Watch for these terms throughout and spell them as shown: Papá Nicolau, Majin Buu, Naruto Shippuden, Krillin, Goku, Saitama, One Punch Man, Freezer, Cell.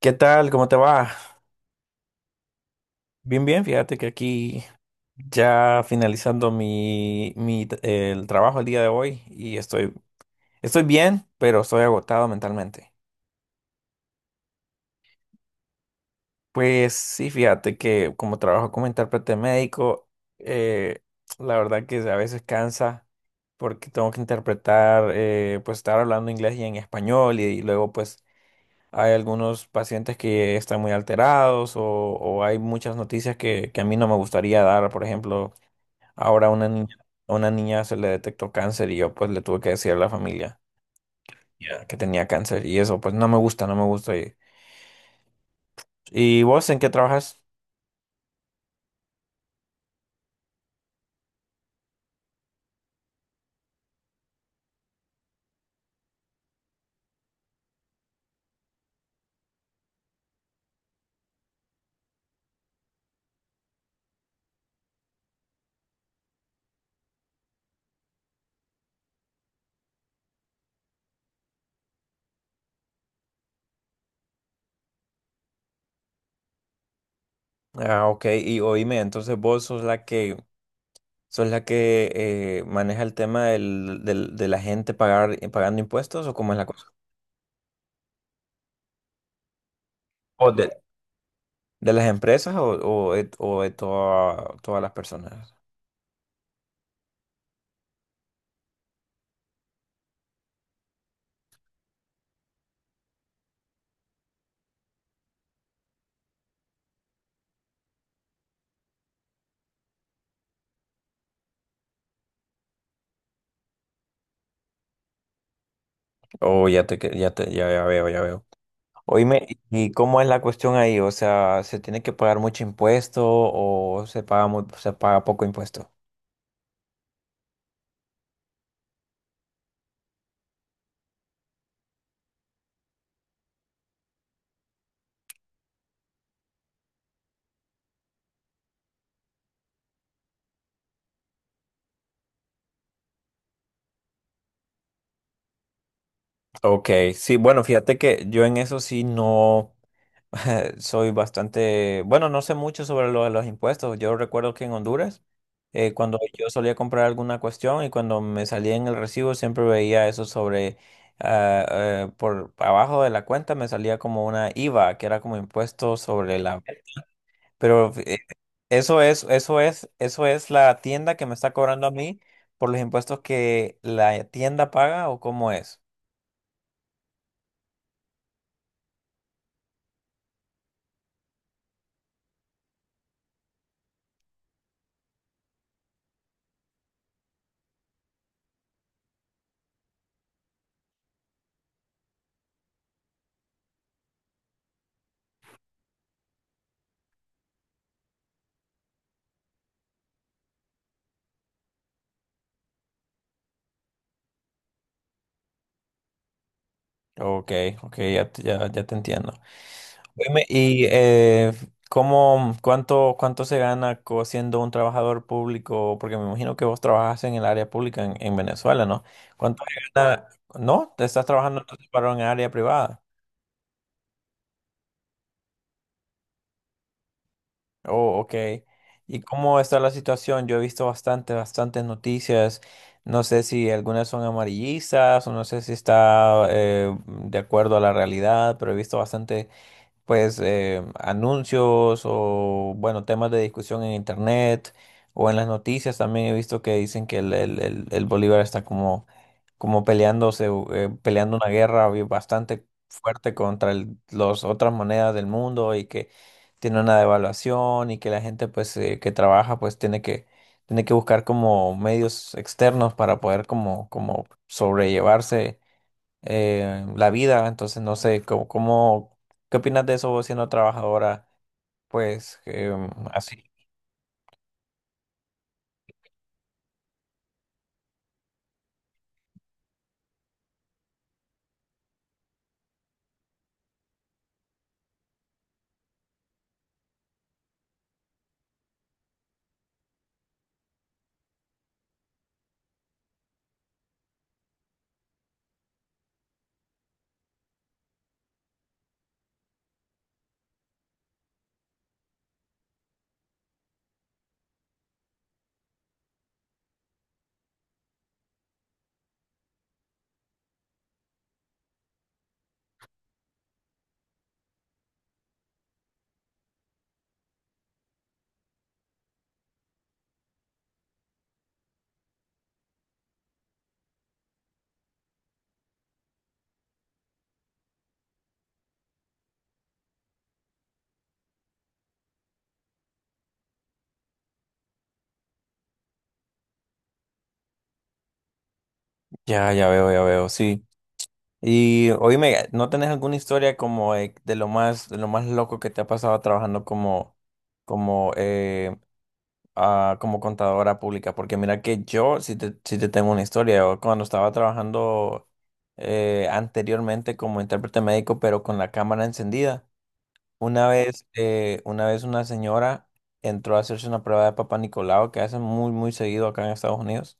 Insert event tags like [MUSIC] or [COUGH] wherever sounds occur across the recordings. ¿Qué tal? ¿Cómo te va? Bien, bien, fíjate que aquí ya finalizando el trabajo el día de hoy y estoy bien, pero estoy agotado mentalmente. Pues sí, fíjate que como trabajo como intérprete médico, eh, la verdad que a veces cansa porque tengo que interpretar, pues estar hablando inglés y en español y luego pues hay algunos pacientes que están muy alterados o hay muchas noticias que a mí no me gustaría dar, por ejemplo. Ahora una niña, a una niña se le detectó cáncer y yo pues le tuve que decir a la familia ya, que tenía cáncer y eso pues no me gusta, no me gusta. ¿Y vos en qué trabajas? Ah, ok, y oíme, entonces vos sos la que maneja el tema de la gente pagar, pagando impuestos, ¿o cómo es la cosa? ¿O de, ¿De las empresas todas las personas? O ya te, que- ya te, ya, Ya veo, ya veo. Oíme, ¿y cómo es la cuestión ahí? O sea, ¿se tiene que pagar mucho impuesto o se paga poco impuesto? Ok, sí, bueno, fíjate que yo en eso sí no [LAUGHS] soy bastante, bueno, no sé mucho sobre lo de los impuestos. Yo recuerdo que en Honduras, cuando yo solía comprar alguna cuestión y cuando me salía en el recibo, siempre veía eso sobre, por abajo de la cuenta me salía como una IVA, que era como impuesto sobre la... Pero eso es, eso es, eso es la tienda que me está cobrando a mí por los impuestos que la tienda paga, o cómo es. Ok, ok, ya, ya te entiendo. Oíme, y ¿cómo, cuánto se gana siendo un trabajador público? Porque me imagino que vos trabajas en el área pública en Venezuela, ¿no? ¿Cuánto se gana? ¿No? ¿Te estás trabajando entonces para un área privada? Oh, ok. ¿Y cómo está la situación? Yo he visto bastante, bastantes noticias. No sé si algunas son amarillistas o no sé si está de acuerdo a la realidad, pero he visto bastante pues anuncios o bueno, temas de discusión en internet o en las noticias también he visto que dicen que el bolívar está como, como peleándose, peleando una guerra bastante fuerte contra las otras monedas del mundo y que tiene una devaluación y que la gente pues que trabaja pues tiene que buscar como medios externos para poder como como sobrellevarse la vida. Entonces, no sé, ¿qué opinas de eso vos siendo trabajadora? Pues así. Ya, ya veo, sí. Y oíme, ¿no tenés alguna historia como de lo más loco que te ha pasado trabajando como, como, como contadora pública? Porque mira que yo sí te tengo una historia. Yo cuando estaba trabajando anteriormente como intérprete médico, pero con la cámara encendida. Una vez, una vez una señora entró a hacerse una prueba de Papá Nicolau, que hacen muy, muy seguido acá en Estados Unidos.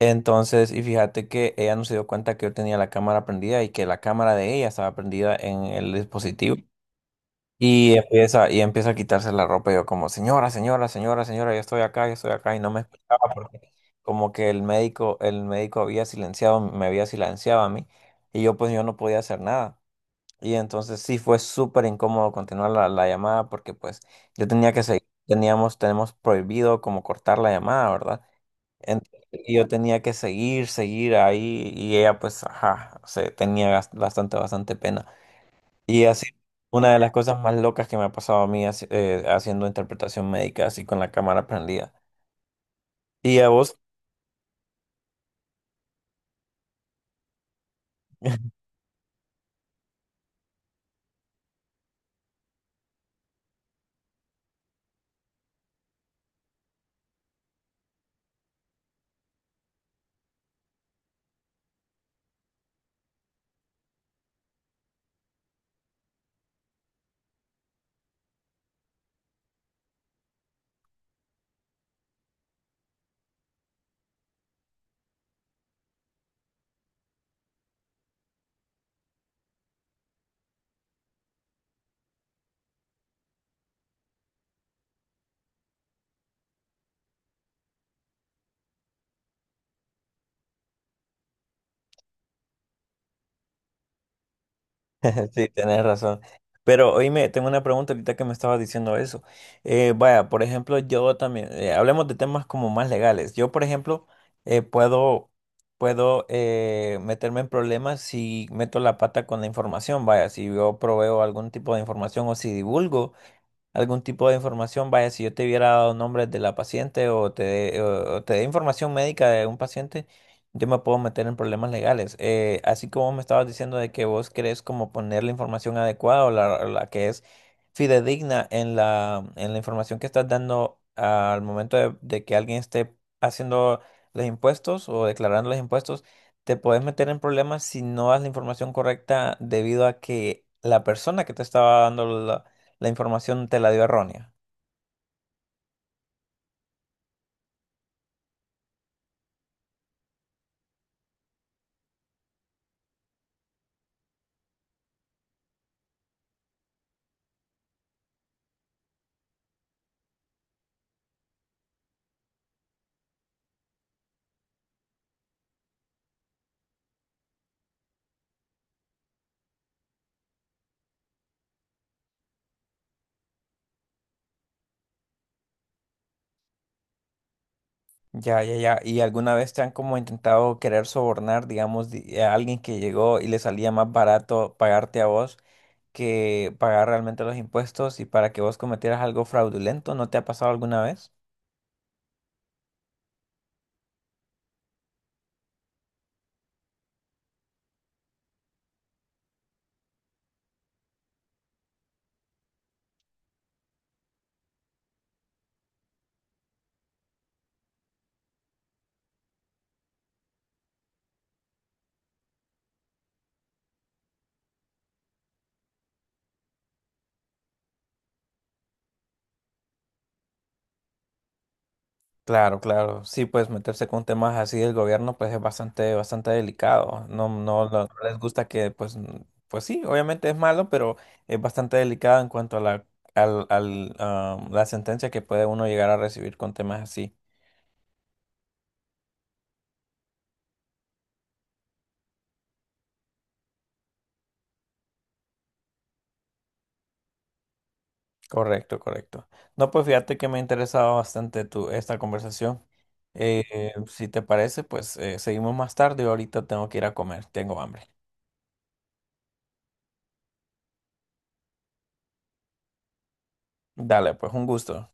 Entonces, y fíjate que ella no se dio cuenta que yo tenía la cámara prendida y que la cámara de ella estaba prendida en el dispositivo. Y y empieza a quitarse la ropa. Y yo como, señora, señora, señora, señora, yo estoy acá, yo estoy acá. Y no me escuchaba porque como que el médico había silenciado, me había silenciado a mí. Y yo pues yo no podía hacer nada. Y entonces sí fue súper incómodo continuar la llamada porque pues yo tenía que seguir, teníamos, tenemos prohibido como cortar la llamada, ¿verdad? Y yo tenía que seguir, seguir ahí, y ella pues, ajá, bastante, bastante pena. Y así, una de las cosas más locas que me ha pasado a mí haciendo interpretación médica así con la cámara prendida. ¿Y a vos? [LAUGHS] [LAUGHS] Sí, tenés razón. Pero oíme, tengo una pregunta ahorita que me estaba diciendo eso. Vaya, por ejemplo, yo también, hablemos de temas como más legales. Yo, por ejemplo, eh, puedo, puedo meterme en problemas si meto la pata con la información, vaya, si yo proveo algún tipo de información o si divulgo algún tipo de información, vaya, si yo te hubiera dado nombres de la paciente o te, o te dé información médica de un paciente, yo me puedo meter en problemas legales. Así como me estabas diciendo de que vos querés como poner la información adecuada o o la que es fidedigna en en la información que estás dando al momento de que alguien esté haciendo los impuestos o declarando los impuestos, te puedes meter en problemas si no das la información correcta, debido a que la persona que te estaba dando la información te la dio errónea. Ya, ya, ya. ¿Y alguna vez te han como intentado querer sobornar, digamos, a alguien que llegó y le salía más barato pagarte a vos que pagar realmente los impuestos, y para que vos cometieras algo fraudulento? ¿No te ha pasado alguna vez? Claro, claro. Sí, pues meterse con temas así del gobierno pues es bastante, bastante delicado. No, no, no, no les gusta que pues, pues sí, obviamente es malo, pero es bastante delicado en cuanto a la, al, al, ah, la sentencia que puede uno llegar a recibir con temas así. Correcto, correcto. No, pues fíjate que me ha interesado bastante tu, esta conversación. Si te parece, pues seguimos más tarde. Ahorita tengo que ir a comer, tengo hambre. Dale, pues un gusto.